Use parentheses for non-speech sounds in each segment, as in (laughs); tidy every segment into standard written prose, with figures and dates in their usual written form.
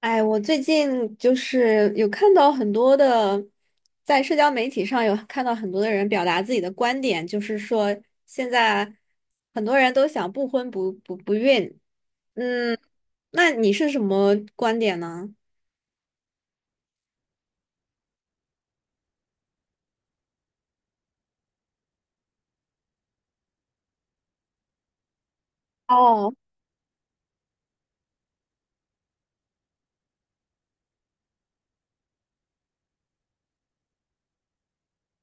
哎，我最近就是有看到很多的，在社交媒体上有看到很多的人表达自己的观点，就是说现在很多人都想不婚不孕。嗯，那你是什么观点呢？哦。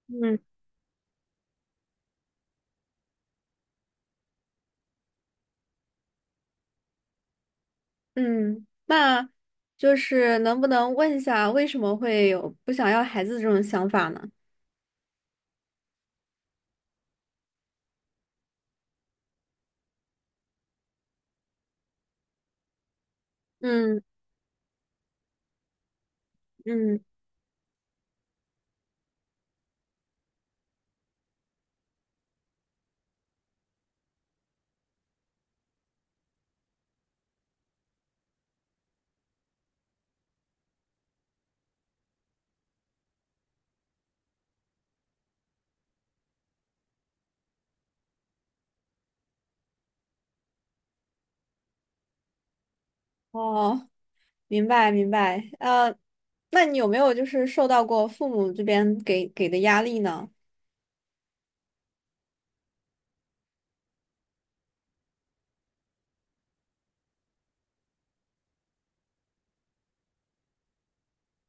嗯嗯，那就是能不能问一下，为什么会有不想要孩子这种想法呢？嗯嗯。哦。明白明白。那你有没有就是受到过父母这边给的压力呢？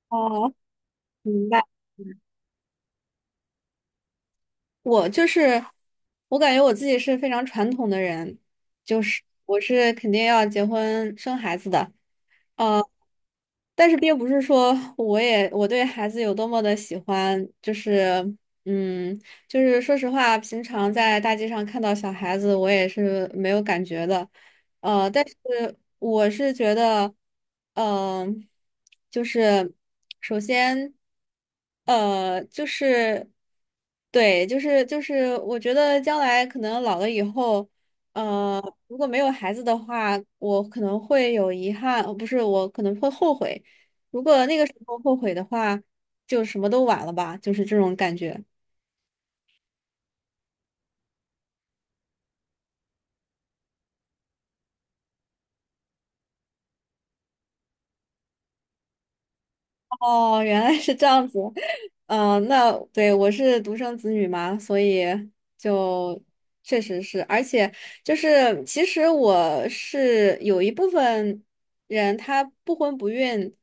哦，明白。我就是，我感觉我自己是非常传统的人，就是我是肯定要结婚生孩子的。呃，但是并不是说我对孩子有多么的喜欢，就是嗯，就是说实话，平常在大街上看到小孩子，我也是没有感觉的，但是我是觉得，嗯、就是首先，就是对，就是，我觉得将来可能老了以后。呃，如果没有孩子的话，我可能会有遗憾，不是，我可能会后悔。如果那个时候后悔的话，就什么都晚了吧，就是这种感觉。哦，原来是这样子。那对，我是独生子女嘛，所以就确实是，而且就是其实我是有一部分人他不婚不孕，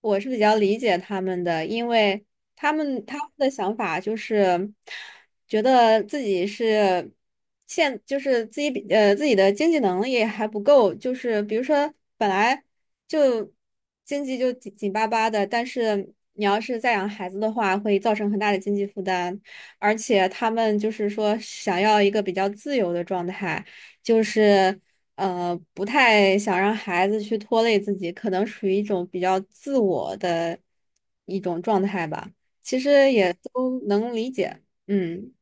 我是比较理解他们的，因为。他们的想法就是觉得自己是就是自己的经济能力还不够，就是比如说本来就经济就紧紧巴巴的，但是你要是再养孩子的话，会造成很大的经济负担，而且他们就是说想要一个比较自由的状态，就是不太想让孩子去拖累自己，可能属于一种比较自我的一种状态吧。也都能理解。嗯。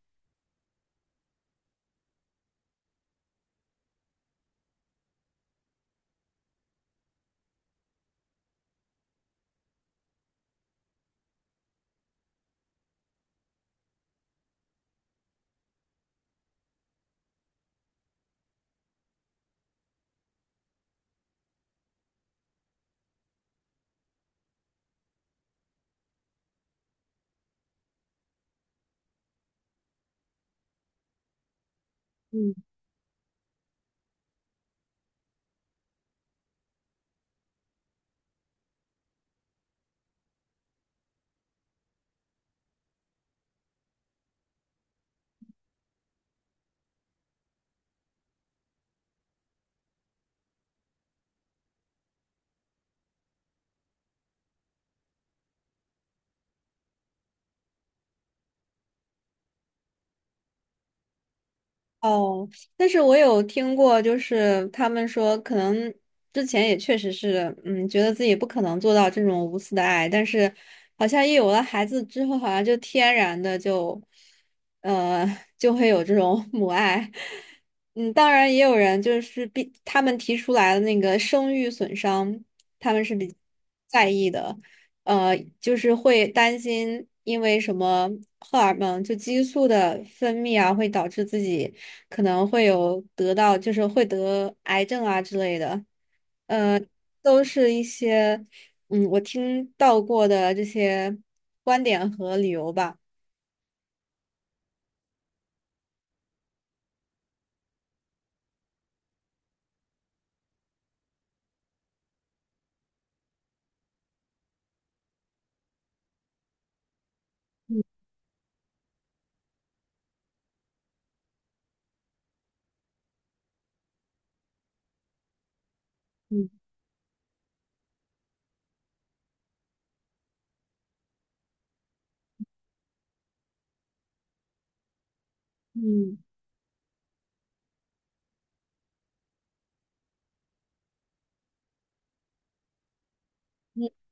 嗯。哦，但是我有听过，就是他们说，可能之前也确实是，嗯，觉得自己不可能做到这种无私的爱，但是好像一有了孩子之后，好像就天然的就，呃，(laughs) 就会有这种 (laughs) 母爱。嗯，当然也有人就是比他们提出来的那个生育损伤，他们是比在意的，就是会担心因为什么荷尔蒙就激素的分泌啊，会导致自己。可能会有得到，就是会得癌症啊之类的，呃，都是一些我听到过的这些观点和理由吧。嗯嗯嗯嗯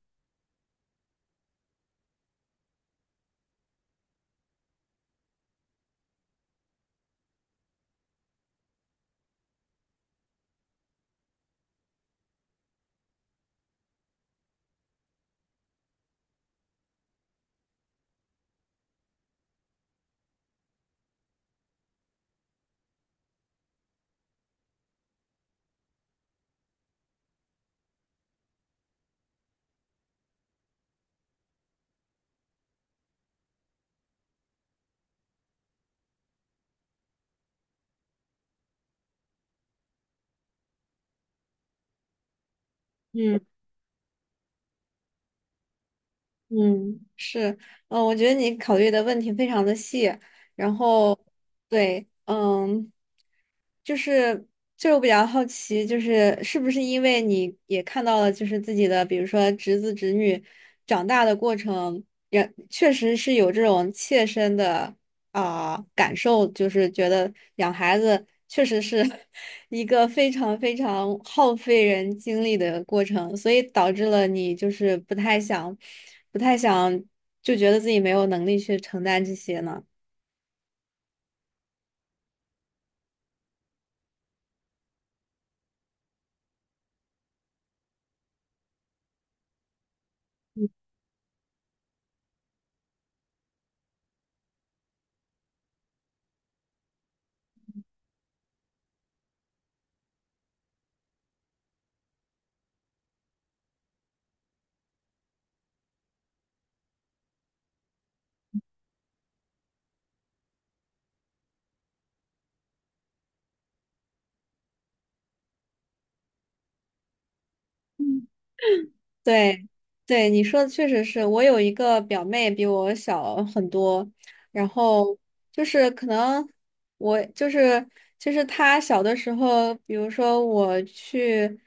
嗯。嗯，是，我觉得你考虑的问题非常的细，然后，对，就是就是我比较好奇，就是是不是因为你也看到了，就是自己的，比如说侄子侄女长大的过程，也确实是有这种切身的，啊，感受，就是觉得养孩子确实是 (laughs) 一个非常非常耗费人精力的过程，所以导致了你就是不太想，不太想，就觉得自己没有能力去承担这些呢。对，对，你说的确实是，我有一个表妹比我小很多，然后就是可能我就是就是她小的时候，比如说我去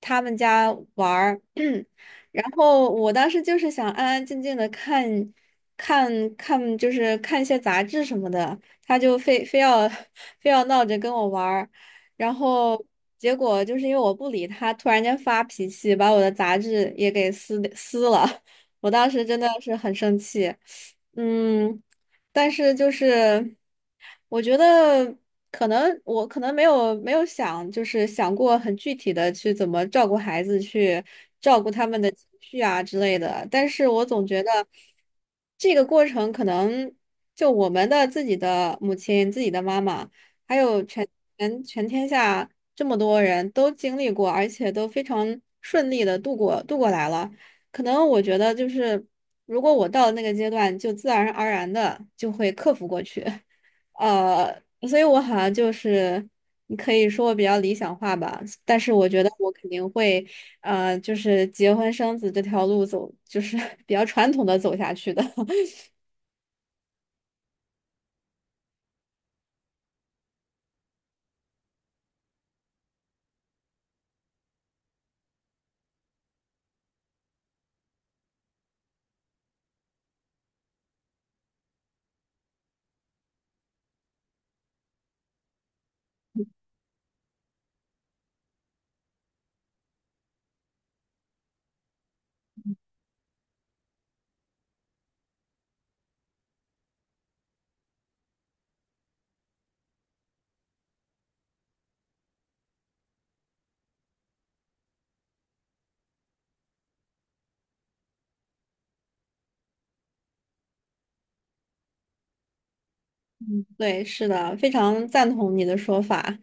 他们家玩儿，(clears throat) 然后我当时就是想安安静静的看看，就是看一些杂志什么的，她就非要 (laughs) 非要闹着跟我玩儿。然后结果就是因为我不理他，突然间发脾气，把我的杂志也给撕了。(laughs) 我当时真的是很生气，嗯，但是就是我觉得可能没有想就是想过很具体的去怎么照顾孩子，去照顾他们的情绪啊之类的，但是我总觉得这个过程可能就我们的自己的母亲、自己的妈妈。还有全天下这么多人都经历过，而且都非常顺利的度过来了。可能我觉得就是，如果我到了那个阶段，就自然而然的就会克服过去。呃，所以我好像就是，你可以说我比较理想化吧，但是我觉得我肯定会，就是结婚生子这条路走，就是 (laughs) 比较传统的走下去的。嗯，对，是的，非常赞同你的说法。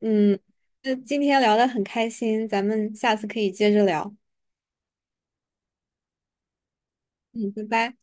嗯，那今天聊得很开心，咱们下次可以接着聊。嗯，拜拜。